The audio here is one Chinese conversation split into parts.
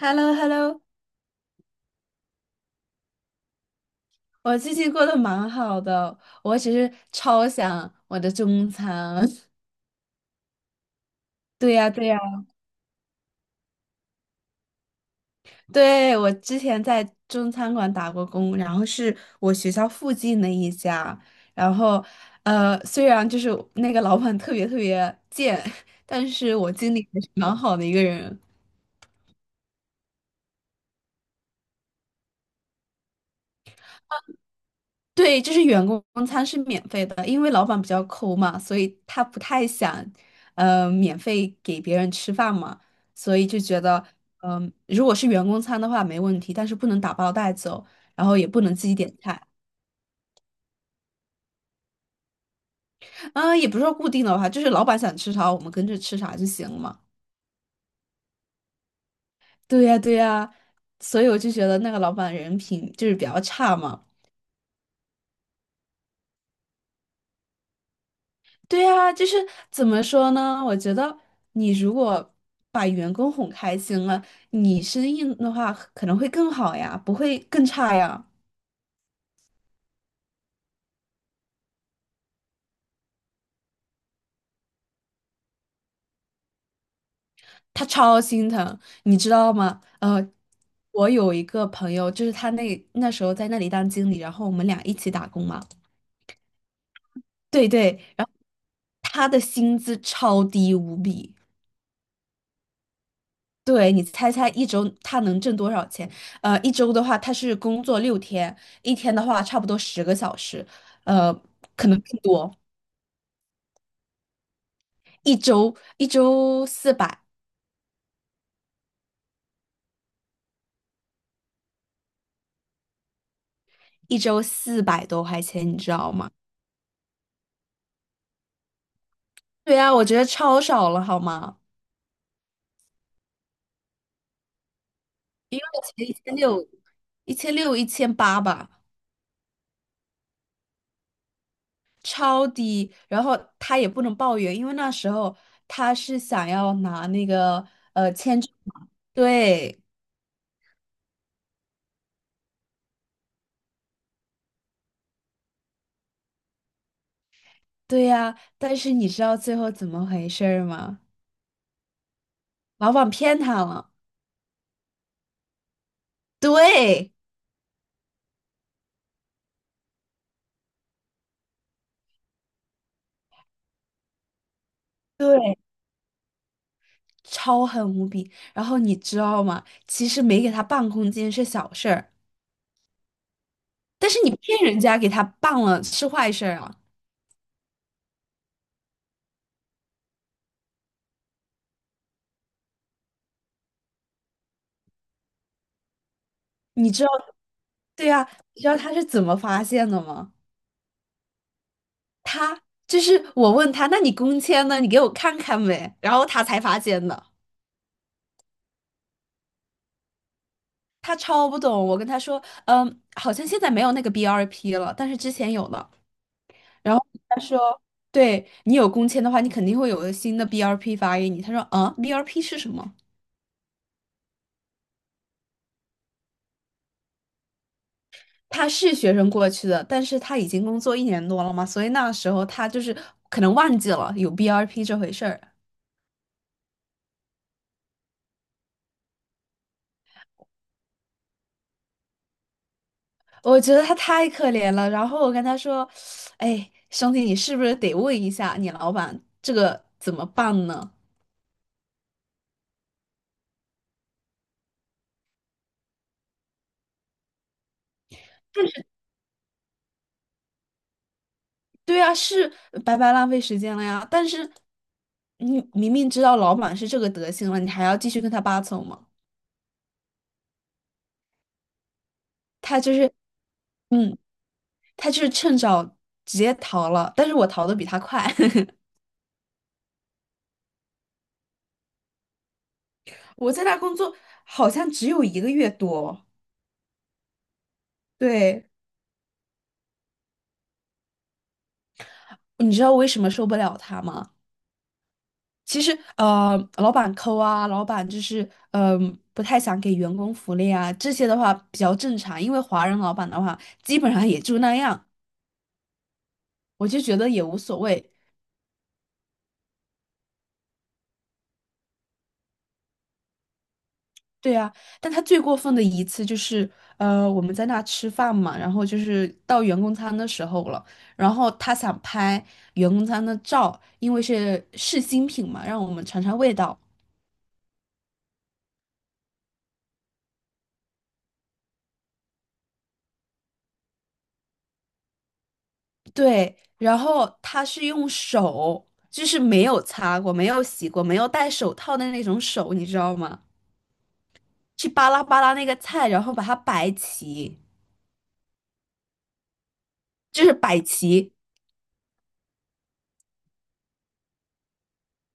h e l l o h e l l o 我最近过得蛮好的，我只是超想我的中餐。对呀，对呀，对，我之前在中餐馆打过工，然后是我学校附近的一家，然后虽然就是那个老板特别特别贱，但是我经理还是蛮好的一个人。对，就是员工餐是免费的，因为老板比较抠嘛，所以他不太想，免费给别人吃饭嘛，所以就觉得，如果是员工餐的话没问题，但是不能打包带走，然后也不能自己点菜，啊、也不是说固定的话，就是老板想吃啥，我们跟着吃啥就行了嘛。对呀，对呀，所以我就觉得那个老板人品就是比较差嘛，对啊，就是怎么说呢？我觉得你如果把员工哄开心了，你生意的话可能会更好呀，不会更差呀。他超心疼，你知道吗？我有一个朋友，就是他那时候在那里当经理，然后我们俩一起打工嘛。对对，然后他的薪资超低无比。对，你猜猜一周他能挣多少钱？一周的话，他是工作6天，一天的话差不多10个小时，呃，可能更多。一周四百，一周400多块钱，你知道吗？对呀，我觉得超少了，好吗？一个月一千六，一千六一千八吧，超低。然后他也不能抱怨，因为那时候他是想要拿那个签证，对。对呀，但是你知道最后怎么回事儿吗？老板骗他了，对对，超狠无比。然后你知道吗？其实没给他办空间是小事儿，但是你骗人家给他办了是坏事儿啊。你知道，对呀，你知道他是怎么发现的吗？他就是我问他，那你工签呢？你给我看看呗。然后他才发现的，他超不懂。我跟他说，嗯，好像现在没有那个 BRP 了，但是之前有的。然后他说，对你有工签的话，你肯定会有个新的 BRP 发给你。他说，啊，BRP 是什么？他是学生过去的，但是他已经工作一年多了嘛，所以那时候他就是可能忘记了有 BRP 这回事儿。我觉得他太可怜了。然后我跟他说，哎，兄弟，你是不是得问一下你老板这个怎么办呢？对啊，是白白浪费时间了呀。但是你明明知道老板是这个德行了，你还要继续跟他八扯吗？他就是，嗯，他就是趁早直接逃了，但是我逃的比他快。我在那工作好像只有一个月多，对，你知道为什么受不了他吗？其实，老板抠啊，老板就是，不太想给员工福利啊，这些的话比较正常，因为华人老板的话，基本上也就那样，我就觉得也无所谓。对啊，但他最过分的一次就是，我们在那吃饭嘛，然后就是到员工餐的时候了，然后他想拍员工餐的照，因为是试新品嘛，让我们尝尝味道。对，然后他是用手，就是没有擦过、没有洗过、没有戴手套的那种手，你知道吗？去扒拉扒拉那个菜，然后把它摆齐，就是摆齐，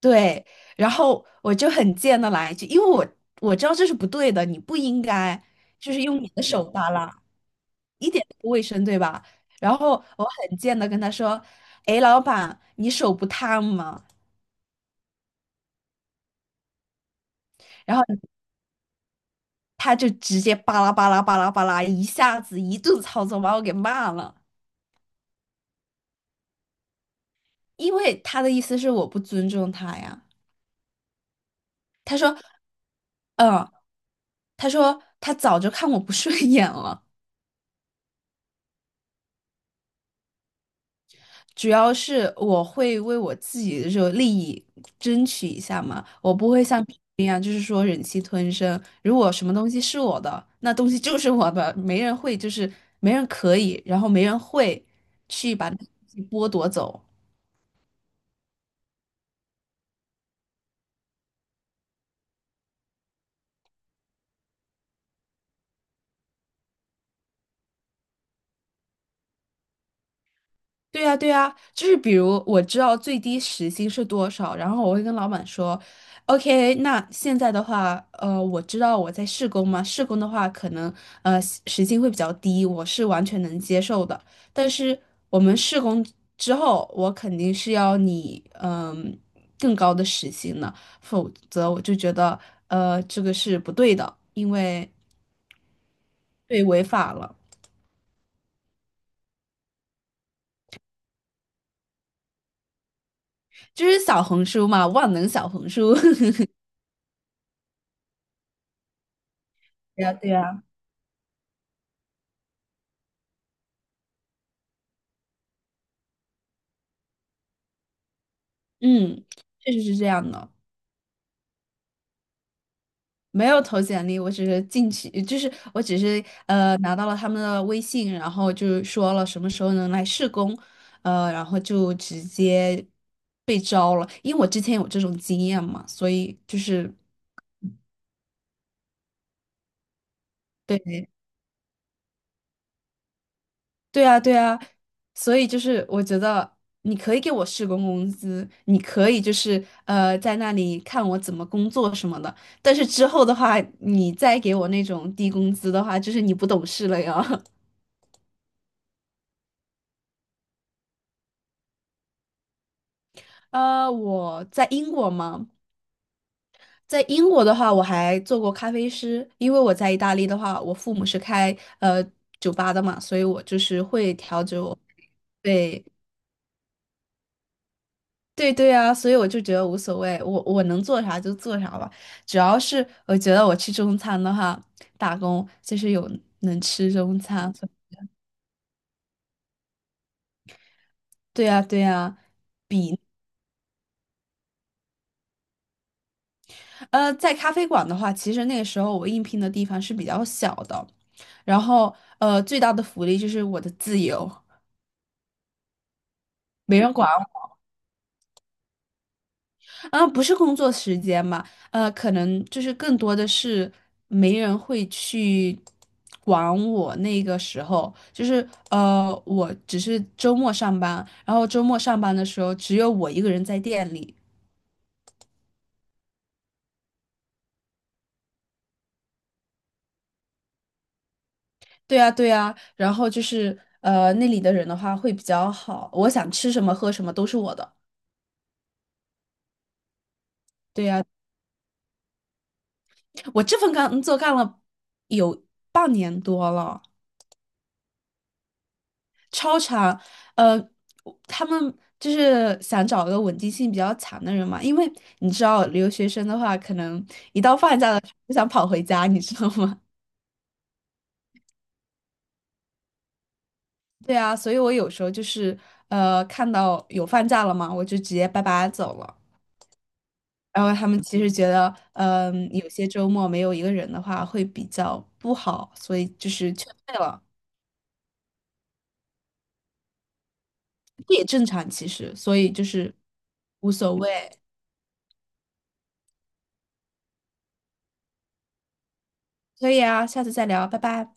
对，然后我就很贱的来一句，因为我知道这是不对的，你不应该就是用你的手扒拉，一点都不卫生，对吧？然后我很贱的跟他说：“哎，老板，你手不烫吗？”然后他就直接巴拉巴拉巴拉巴拉，一下子一顿操作把我给骂了，因为他的意思是我不尊重他呀。他说：“嗯，他说他早就看我不顺眼了。”主要是我会为我自己的这个利益争取一下嘛，我不会像别人一样，就是说忍气吞声。如果什么东西是我的，那东西就是我的，没人会，就是没人可以，然后没人会去把那东西剥夺走。对呀，对呀，就是比如我知道最低时薪是多少，然后我会跟老板说，OK，那现在的话，我知道我在试工嘛，试工的话可能时薪会比较低，我是完全能接受的。但是我们试工之后，我肯定是要你更高的时薪的，否则我就觉得这个是不对的，因为对违法了，就是小红书嘛，万能小红书。对呀，对呀。嗯，确实是这样的。没有投简历，我只是进去，就是我只是拿到了他们的微信，然后就说了什么时候能来试工，然后就直接被招了。因为我之前有这种经验嘛，所以就是对对啊，对啊，所以就是我觉得你可以给我试工工资，你可以就是在那里看我怎么工作什么的，但是之后的话，你再给我那种低工资的话，就是你不懂事了呀。我在英国嘛，在英国的话，我还做过咖啡师，因为我在意大利的话，我父母是开酒吧的嘛，所以我就是会调酒。对，对对啊，所以我就觉得无所谓，我能做啥就做啥吧，主要是我觉得我吃中餐的话，打工就是有能吃中餐。对呀对呀，比在咖啡馆的话，其实那个时候我应聘的地方是比较小的，然后最大的福利就是我的自由，没人管啊，不是工作时间嘛，可能就是更多的是没人会去管我那个时候，就是我只是周末上班，然后周末上班的时候只有我一个人在店里。对呀，对呀，然后就是那里的人的话会比较好，我想吃什么喝什么都是我的。对呀，我这份工作干了有半年多了。超长，呃，他们就是想找个稳定性比较强的人嘛，因为你知道留学生的话，可能一到放假了就想跑回家，你知道吗？对啊，所以我有时候就是看到有放假了嘛，我就直接拜拜走了。然后他们其实觉得，有些周末没有一个人的话会比较不好，所以就是劝退了，这也正常其实，所以就是无所谓。可以啊，下次再聊，拜拜。